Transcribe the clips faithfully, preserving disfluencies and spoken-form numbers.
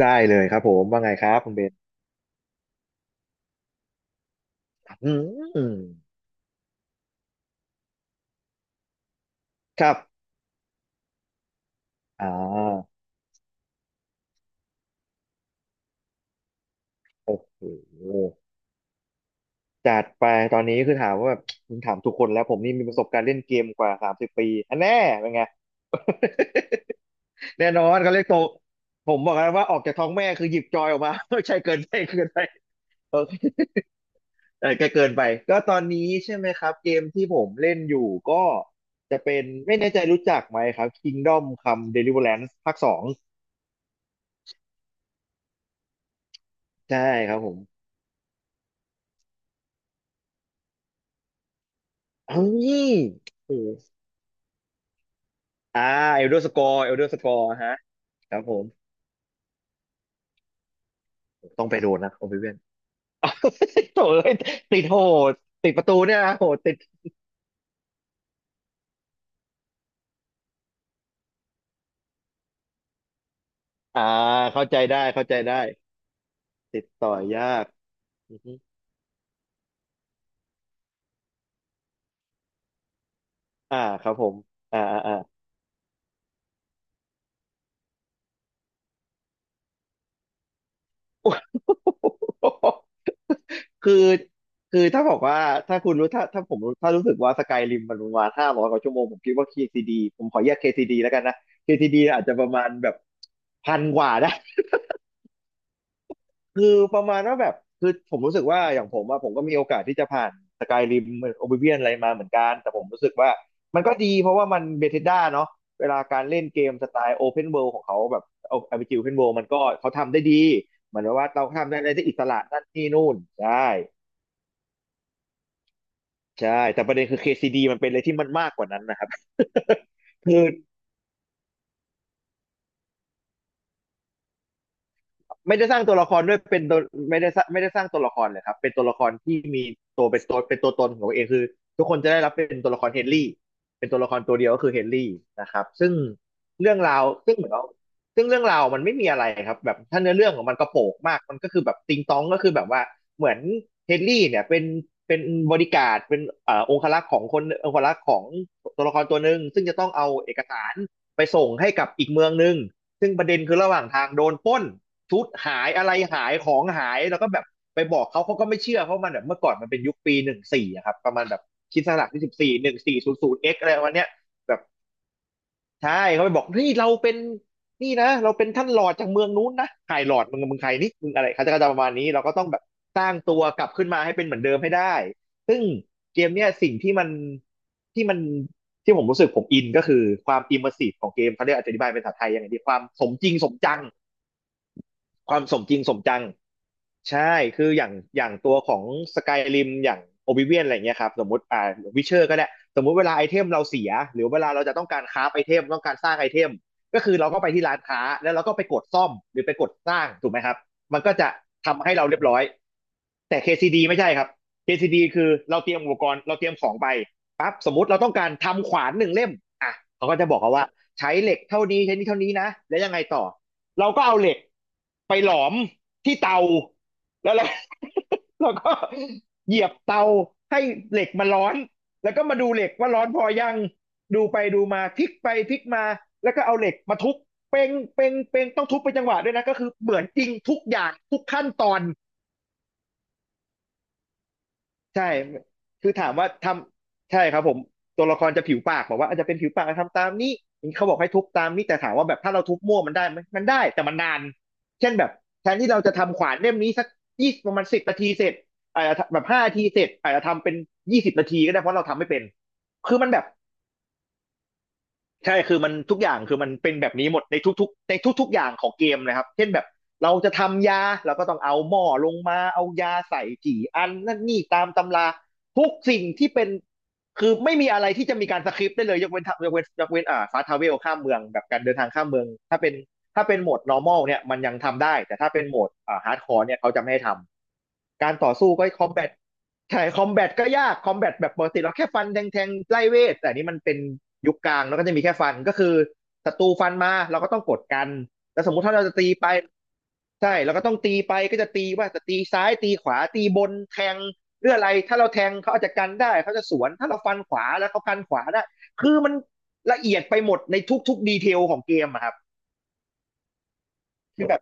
ได้เลยครับผมว่าไงครับคุณเบนอืมครับอ่าโอ้โหจัดไปตอนนี้คือถามว่าแบบคุณถามทุกคนแล้วผมนี่มีประสบการณ์เล่นเกมกว่าสามสิบปีอันแน่เป็นไง แน่นอนเขาเรียกโตผมบอกแล้วว่าออกจากท้องแม่คือหยิบจอยออกมา ไม่ใช่เกินไปเกินไปโอเค เออแกเกินไปก็ตอนนี้ใช่ไหมครับเกมที่ผมเล่นอยู่ก็จะเป็นไม่แน่ใจรู้จักไหมครับ Kingdom Come Deliverance ภาคสองใช่ครับผม เฮ้ยโอ้โหอ่าเอลเดอร์สกอร์เอลเดอร์สกอร์ฮะครับผมต้องไปโดนนะโอเบเว่นอ้า โถ่เอ้ยติดโหดติดประตูเนี่ยนะโหดติดอ่าเข้าใจได้เข้าใจได้ติดต่อยากอือฮึอ่าครับผมอ่าอ่าอ่า คือคือถ้าบอกว่าถ้าคุณรู้ถ้าถ้าผมรู้ถ้ารู้สึกว่าสกายริมมันประมาณห้าร้อยกว่าชั่วโมงผมคิดว่า เค ซี ดี ผมขอแยก เค ซี ดี แล้วกันนะ เค ซี ดี อาจจะประมาณแบบพันกว่าได้ คือประมาณว่าแบบคือผมรู้สึกว่าอย่างผมอะผมก็มีโอกาสที่จะผ่านสกายริมโอบิเวียนอะไรมาเหมือนกันแต่ผมรู้สึกว่ามันก็ดีเพราะว่ามันเบเธสด a เนาะเวลาการเล่นเกมสไตล์โอเพนเวิลด์ของเขาแบบเอาไอาร์พีจีโอเพนเวิมันก็เขาทำได้ดีเหมือนว่าเราทำได้อะไรได้อิสระนั่นนี่นู่นใช่ใช่แต่ประเด็นคือ เค ซี ดี มันเป็นอะไรที่มันมากกว่านั้นนะครับ คือ ไม่ได้สร้างตัวละครด้วยเป็นตัวไม่ได้ไม่ได้สร้างตัวละครเลยครับเป็นตัวละครที่มีตัวเป็นตัวเป็นตัวตนของตัวเองคือทุกคนจะได้รับเป็นตัวละครเฮนรี่เป็นตัวละครตัวเดียวก็คือเฮนรี่นะครับซึ่งเรื่องราวซึ่งเหมือนเราซึ่งเรื่องราวมันไม่มีอะไรครับแบบถ้าเนื้อเรื่องของมันกระโปงมากมันก็คือแบบติงตองก็คือแบบว่าเหมือนเฮนรี่เนี่ยเป็นเป็นบริการดเป็นเอ่อองครักษ์ของคนองครักษ์ของตัวละครตัวหนึ่งซึ่งจะต้องเอาเอกสารไปส่งให้กับอีกเมืองหนึ่งซึ่งประเด็นคือระหว่างทางโดนปล้น ชุดหายอะไรหายของหายแล้วก็แบบไปบอกเขาเขาก็ไม่เชื่อเพราะมันแบบเมื่อก่อนมันเป็นยุคปีหนึ่งสี่อะครับประมาณแบบคริดสลักราชที่สิบสี่หนึ่งสี่ศูนย์ศูนย์เอ็กอะไรวันเนี้ยแบบใช่เขาไปบอกนี่เราเป็นนี่นะเราเป็นท่านหลอดจากเมืองนู้นนะใครหลอดมึงมึงใครนี่มึงอะไรเขาจะก็จะประมาณนี้เราก็ต้องแบบสร้างตัวกลับขึ้นมาให้เป็นเหมือนเดิมให้ได้ซึ่งเกมเนี้ยสิ่งที่มันที่มันที่ผมรู้สึกผมอินก็คือความอิมเมอร์ซีฟของเกมเขาเรียกอธิบายเป็นภาษาไทยยังไงดีความสมจริงสมจัง ความสมจริงสมจังใช่คืออย่างอย่างตัวของสกายริมอย่างโอบิเวียนอะไรเงี้ยครับสมมติอ่าวิเชอร์ก็ได้สมมุติเวลาไอเทมเราเสียหรือเวลาเราจะต้องการคราฟไอเทมต้องการสร้างไอเทมก็คือเราก็ไปที่ร้านค้าแล้วเราก็ไปกดซ่อมหรือไปกดสร้างถูกไหมครับมันก็จะทำให้เราเรียบร้อยแต่ เค ซี ดี ไม่ใช่ครับ เค ซี ดี คซีดีคือเราเตรียมอุปกรณ์เราเตรียมของไปปั๊บสมมติเราต้องการทำขวานหนึ่งเล่มอ่ะเขาก็จะบอกเราว่าใช้เหล็กเท่านี้ใช้นี่เท่านี้นะแล้วยังไงต่อ เราก็เอาเหล็กไปหลอมที่เตาแล้วเรา เราก็เหยียบเตาให้เหล็กมันร้อนแล้วก็มาดูเหล็กว่าร้อนพอยังดูไปดูมาพลิกไปพลิกมาแล้วก็เอาเหล็กมาทุบเป้งเป้งเป้งต้องทุบเป็นจังหวะด้วยนะก็คือเหมือนจริงทุกอย่างทุกขั้นตอน ใช่ คือถามว่าทำใช่ครับผมตัวละครจะผิวปากบอกว่าอาจจะเป็นผิวปากทำตามนี้เขาบอกให้ทุบตามนี้แต่ถามว่าแบบถ้าเราทุบมั่วมันได้ไหมมันได้แต่มันนานเช่นแบบแทนที่เราจะทำขวานเล่มนี้สักยี่ประมาณสิบนาทีเสร็จอาจจะแบบห้านาทีเสร็จอาจจะทำเป็นยี่สิบนาทีก็ได้เพราะเราทำไม่เป็น คือมันแบบ ใช่คือมันทุกอย่างคือมันเป็นแบบนี้หมดในทุกๆในทุกๆอย่างของเกมนะครับเช่นแบบเราจะทำยาเราก็ต้องเอาหม้อลงมาเอายาใส่กี่อันนั่นนี่ตามตำราทุกสิ่งที่เป็นคือไม่มีอะไรที่จะมีการสคริปต์ได้เลยยกเว้นทยกเว้นยกเว้นอ่าฟาทาเวลข้ามเมืองแบบการเดินทางข้ามเมืองถ้าเป็น ถ้าเป็นโหมด normal เนี่ยมันยังทำได้แต่ถ้าเป็นโหมดอ่า hardcore เนี่ยเขาจะไม่ให้ทำการต่อสู้ก็ combat ใช่คอมแบทก็ยากคอมแบทแบบปกติเราแค่ฟันแทงแทงไล่เวทแต่อันนี้มันเป็นยุคกลางแล้วก็จะมีแค่ฟันก็คือศัตรูฟันมาเราก็ต้องกดกันแล้วสมมุติถ้าเราจะตีไปใช่เราก็ต้องตีไปก็จะตีว่าจะตีซ้ายตีขวาตีบนแทงเรื่องอะไรถ้าเราแทงเขาอาจจะกันได้เขาจะสวนถ้าเราฟันขวาแล้วเขากันขวาได้คือมันละเอียดไปหมดในทุกๆดีเทลของเกมอะครับ คือแบบ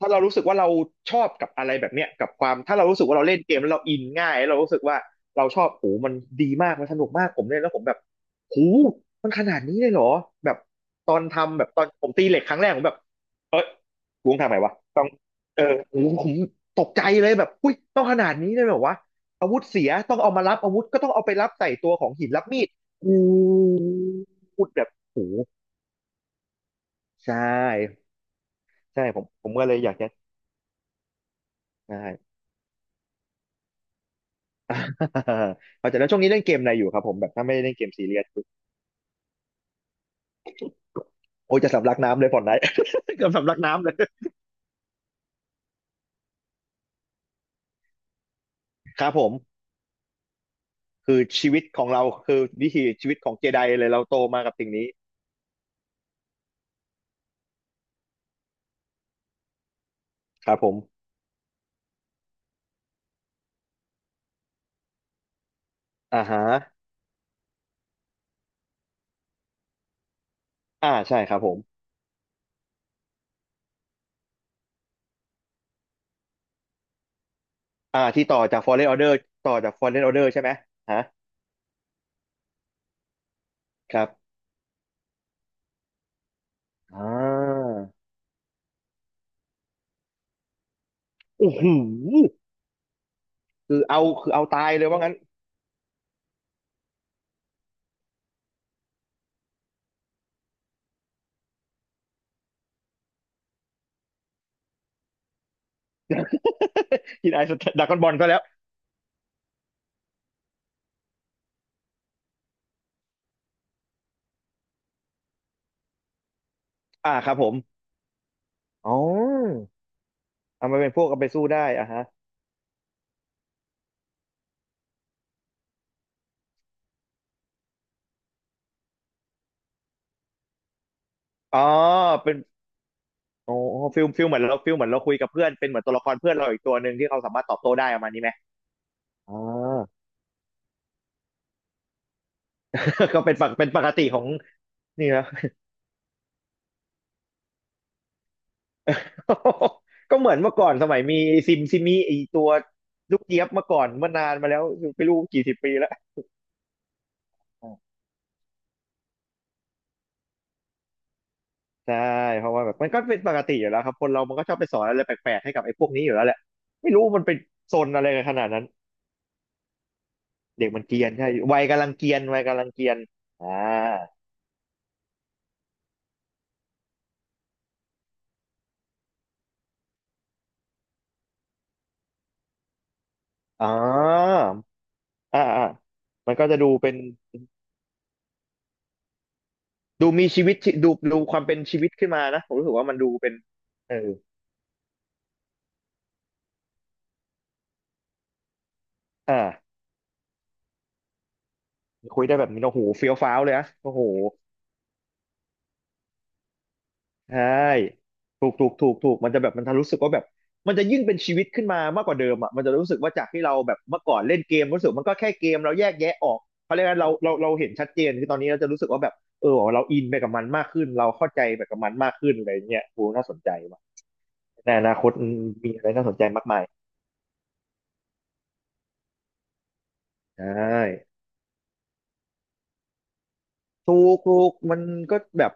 ถ้าเรารู้สึกว่าเราชอบกับอะไรแบบเนี้ยกับความถ้าเรารู้สึกว่าเราเล่นเกมแล้วเราอินง่ายแล้วเรารู้สึกว่าเราชอบโหมันดีมากมันสนุกมากผมเล่นแล้วผมแบบโหมันขนาดนี้เลยเหรอแบบตอนทำแบบตอนผมตีเหล็กครั้งแรกผมแบบเอ้ยกูต้องทำไงวะต้องเออโหผมตกใจเลยแบบอุ้ยต้องขนาดนี้เลยเหรอวะอาวุธเสียต้องเอามารับอาวุธก็ต้องเอาไปรับใส่ตัวของหินรับมีดอูพูดแบบโหใช่ใช่ผมผมก็เลยอยากจะใช่ อ่าเข้าใจแล้วช่วงนี้เล่นเกมอะไรอยู่ครับผมแบบถ้าไม่ได้เล่นเกมซีเรียสโอ้ยจะสำลักน้ำเลยผ่อนไหน เกือบ สำลักน้ำเลย ครับผมคือชีวิตของเราคือวิถีชีวิตของเจไดเลยเราโตมากับสิ่งนี้ครับผมอ่าฮะอ่าใช่ครับผมอ่าที่ต่อจาก Fallen Order ต่อจาก Fallen Order ใช่ไหมฮะครับอ่าโอ้โหคือเอาคือเอาตายเลยว่างั้น กินไอซ์ดากอนบอลก็แล้วอ่าครับผมอ๋อเอามาเป็นพวกเอาไปสู้ได้อ่ะฮะอ๋อเป็น โอ้ฟิลฟิลเหมือนเราฟิลเหมือนเราคุยกับเพื่อนเป็นเหมือนตัวละครเพื่อนเราอีกตัวหนึ่งที่เขาสามารถตอบโต้ได้ประมาณนี้ไหมอ่า ก็เป็นปกเป็นปกติของนี่นะ ก็เหมือนเมื่อก่อนสมัยมีซิมซิมีไอตัวลูกเจี๊ยบเมื่อก่อนเมื่อนานมาแล้วไม่รู้กี่สิบปีแล้วอ่าใช่เพราะว่าแบบมันก็เป็นปกติอยู่แล้วครับคนเรามันก็ชอบไปสอนอะไรแปลกๆให้กับไอ้พวกนี้อยู่แล้วแหละไม่รู้มันเป็นโซนอะไรกันขนาดนั้นเด็กมันเกรียนใช่วัยกำลังเกรียนวัยกำลังเกรียนอ่าอ๋ออ่าอ่ามันก็จะดูเป็น ดูมีชีวิตชีดูดูความเป็นชีวิตขึ้นมานะผมรู้สึกว่ามันดูเป็นเอออ่าคุยได้แบบนี้โอ้โหเฟี้ยวฟ้าวเลยอะโอ้โหใช่ถูกถูกถูกถูกมันจะแบบมันจะรู้สึกว่าแบบมันจะยิ่งเป็นชีวิตขึ้นมามากกว่าเดิมอ่ะมันจะรู้สึกว่าจากที่เราแบบเมื่อก่อนเล่นเกมรู้สึกมันก็แค่เกมเราแยกแยะออกเพราะฉะนั้นเราเราเราเห็นชัดเจนคือตอนนี้เราจะรู้สึกว่าแบบเออเราอินไปกับมันมากขึ้นเราเข้าใจไปกับมันมากขึ้นอะไรเงี้ยโอ้น่าสนใจว่ะในอนาคตมีอะไรน่าสนใจมากมายใช่ถูกถูกมันก็แบบ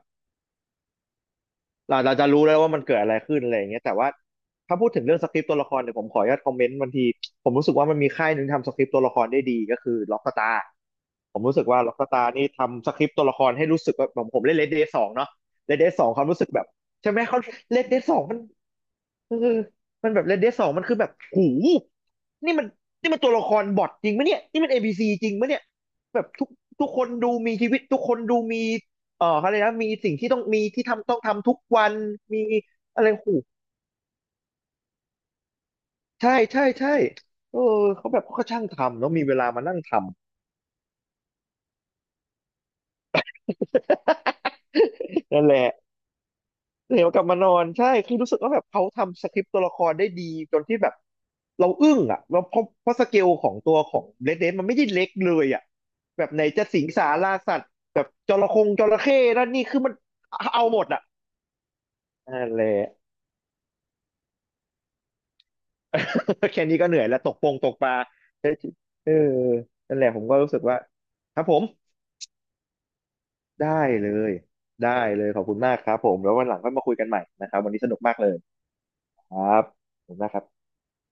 เราเราจะรู้แล้วว่ามันเกิดอะไรขึ้นอะไรอย่างเงี้ยแต่ว่าถ้าพูดถึงเรื่องสคริปต์ตัวละครเนี่ยผมขออนุญาตคอมเมนต์บางทีผมรู้สึกว่ามันมีค่ายหนึ่งทำสคริปต์ตัวละครได้ดีก็คือล็อกสตาผมรู้สึกว่าล็อกสตานี่ทำสคริปต์ตัวละครให้รู้สึกว่าผมผมเล่นเลดเดย์สองเนาะเลดเดย์สองความรู้สึกแบบใช่ไหมเขาเลดเดย์สองมันเออมันแบบเลดเดย์สองมันคือแบบหูนี่มันนี่มันตัวละครบอทจริงไหมเนี่ยนี่มันเอบีซีจริงไหมเนี่ยแบบทุกทุกคนดูมีชีวิตทุกคนดูมี เออเขาเลยกนะมีสิ่งที่ต้องมีที่ทำต้องทำทุกวันมีอะไรหูใช่ใช่ใช่เออเขาแบบเขาก็ช่างทำแล้วมีเวลามานั่งทำ นั่นแหละเดี๋ยวกลับมานอนใช่คือรู้สึกว่าแบบเขาทำสคริปต์ตัวละครได้ดีจนที่แบบเราอึ้งอ่ะเราเพราะเพราะสเกลของตัวของเ d ด a นมันไม่ได้เล็กเลยอ่ะแบบไหนจะสิงสาราสัตว์แบบจระคงจระเข้นั่นนี่คือมันเอาหมดอ่ะนั่นแหละ แค่นี้ก็เหนื่อยแล้วตกปงตกปลาเอ้ยเออนั่นแหละผมก็รู้สึกว่าครับผมได้เลยได้เลยขอบคุณมากครับผมแล้ววันหลังค่อยมาคุยกันใหม่นะครับวันนี้สนุกมากเลยครับ ขอบคุณมากครับ